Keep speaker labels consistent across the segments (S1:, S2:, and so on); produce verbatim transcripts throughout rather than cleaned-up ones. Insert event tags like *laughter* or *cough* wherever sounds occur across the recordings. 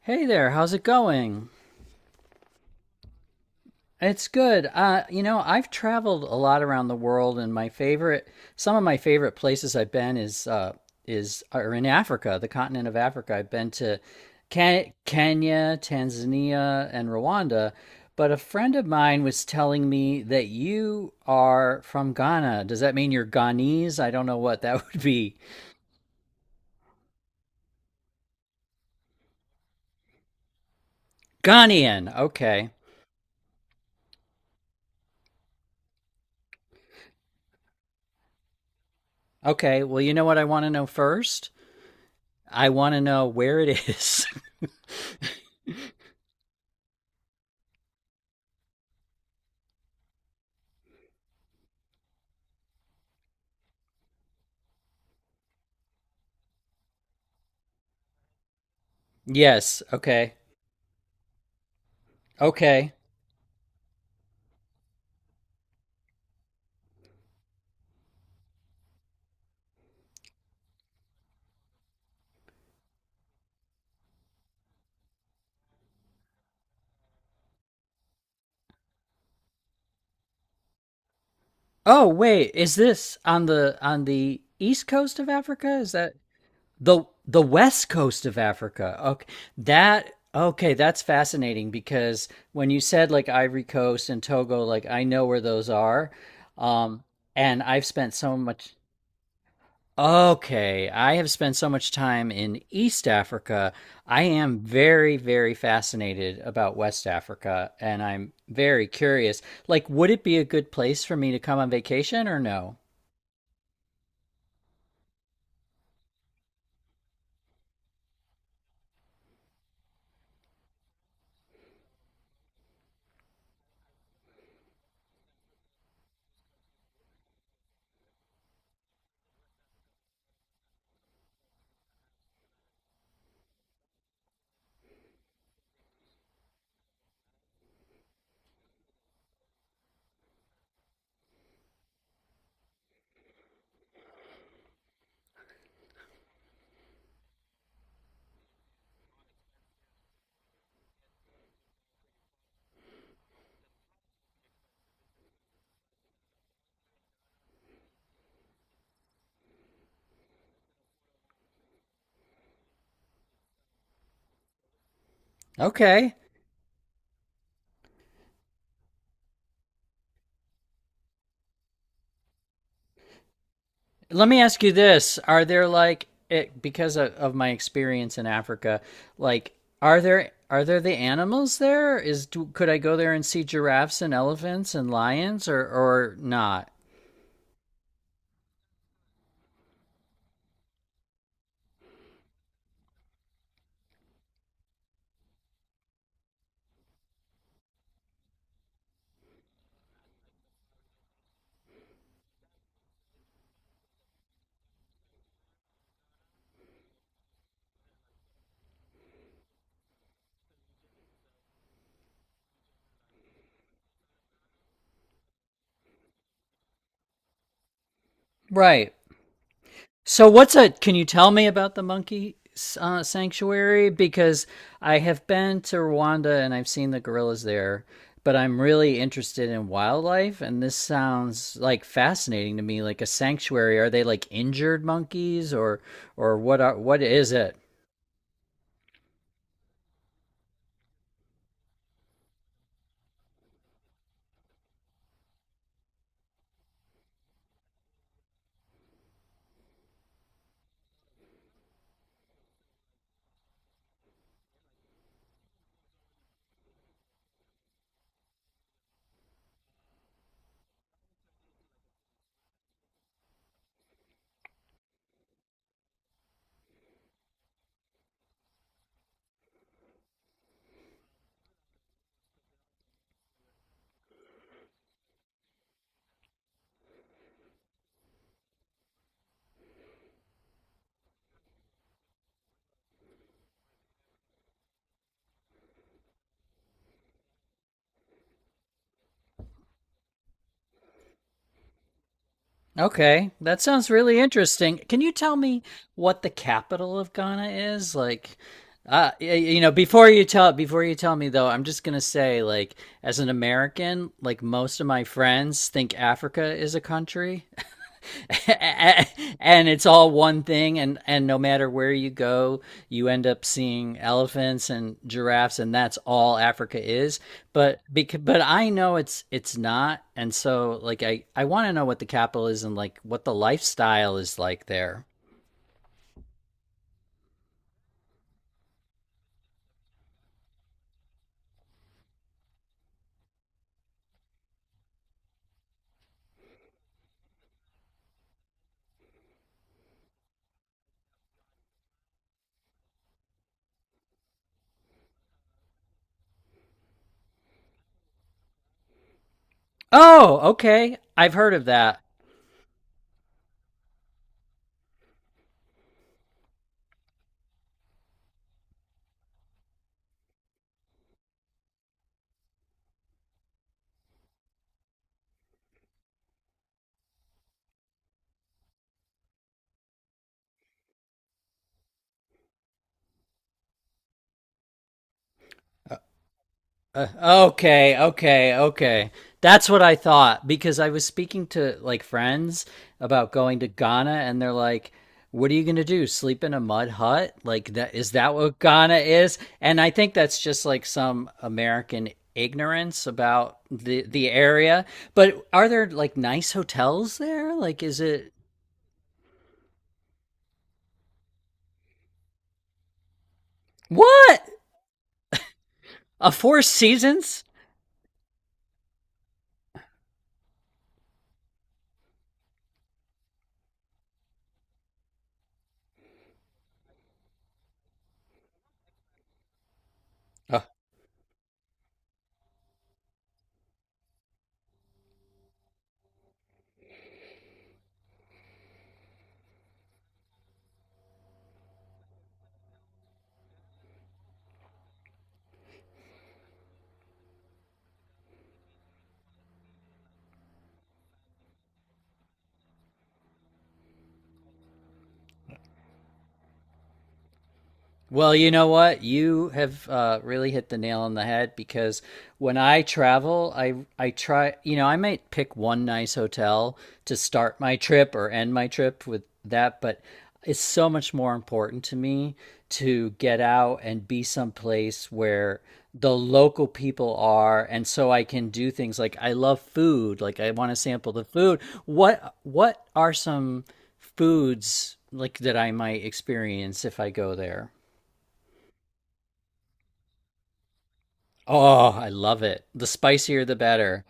S1: Hey there, how's it going? It's good. Uh, you know, I've traveled a lot around the world, and my favorite, some of my favorite places I've been is uh, is are in Africa, the continent of Africa. I've been to Ke- Kenya, Tanzania, and Rwanda. But a friend of mine was telling me that you are from Ghana. Does that mean you're Ghanese? I don't know what that *laughs* would be. Ghanaian. Okay. Okay. Well, you know what I want to know first? I want to know where it is. *laughs* Yes. Okay. Okay. Oh wait, is this on the on the east coast of Africa? Is that the the west coast of Africa? Okay. That okay, that's fascinating because when you said like Ivory Coast and Togo, like I know where those are. Um and I've spent so much. Okay, I have spent so much time in East Africa. I am very, very fascinated about West Africa, and I'm very curious. Like, would it be a good place for me to come on vacation or no? Okay. Let me ask you this. Are there like it because of, of my experience in Africa, like are there are there the animals there? Is do, could I go there and see giraffes and elephants and lions or or not? Right. So what's a? Can you tell me about the monkey uh, sanctuary? Because I have been to Rwanda and I've seen the gorillas there, but I'm really interested in wildlife, and this sounds like fascinating to me. Like a sanctuary, are they like injured monkeys, or or what? Are, what is it? Okay, that sounds really interesting. Can you tell me what the capital of Ghana is? Like, uh, y- you know, before you tell before you tell me though, I'm just gonna say, like, as an American, like most of my friends think Africa is a country. *laughs* And it's all one thing and and no matter where you go, you end up seeing elephants and giraffes, and that's all Africa is. But because but I know it's it's not. And so like i i want to know what the capital is and like what the lifestyle is like there. Oh okay, I've heard of that. Uh, okay, okay, okay. That's what I thought because I was speaking to like friends about going to Ghana and they're like, "What are you going to do? Sleep in a mud hut? Like that is that what Ghana is?" And I think that's just like some American ignorance about the the area. But are there like nice hotels there? Like is it. What? A Four Seasons? Uh, Well, you know what? You have uh, really hit the nail on the head because when I travel, I I try. You know, I might pick one nice hotel to start my trip or end my trip with that, but it's so much more important to me to get out and be someplace where the local people are, and so I can do things like I love food, like I want to sample the food. What what are some foods like that I might experience if I go there? Oh, I love it. The spicier the better.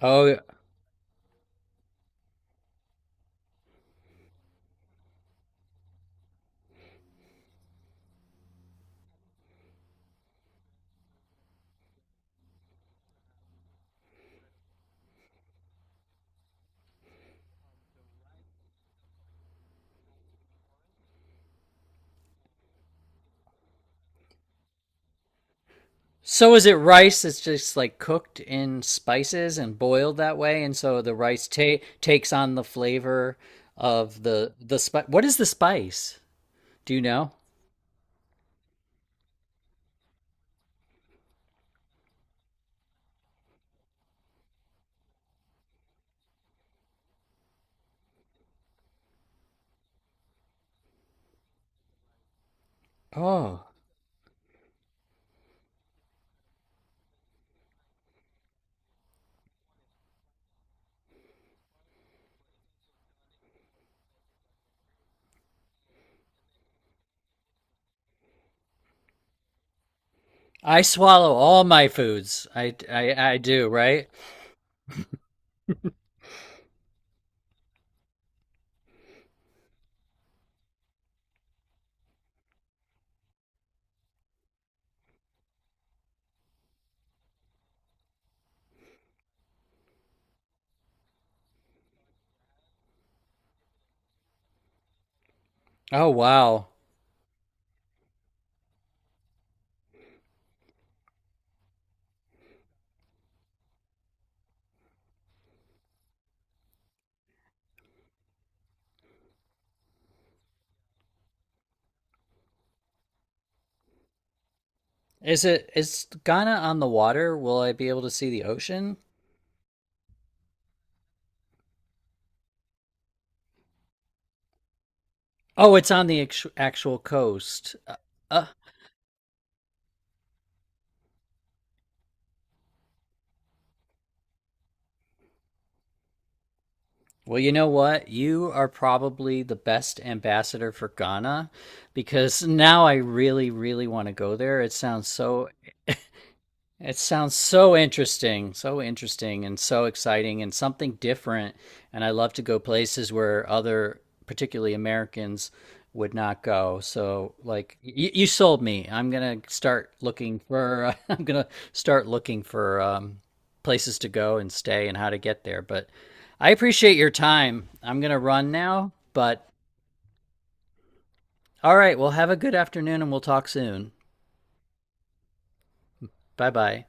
S1: Oh, so is it rice that's just like cooked in spices and boiled that way, and so the rice ta takes on the flavor of the the spice. What is the spice? Do you know? Oh, I swallow all my foods. I, I I do, right? Oh, wow. Is it is Ghana on the water? Will I be able to see the ocean? Oh, it's on the actu- actual coast. Uh, uh, Well, you know what? You are probably the best ambassador for Ghana because now I really, really want to go there. It sounds so, it sounds so interesting, so interesting and so exciting and something different. And I love to go places where other, particularly Americans, would not go. So, like, you, you sold me. I'm gonna start looking for, *laughs* I'm gonna start looking for um, places to go and stay and how to get there. But I appreciate your time. I'm gonna run now, but all right, well, have a good afternoon and we'll talk soon. Bye bye.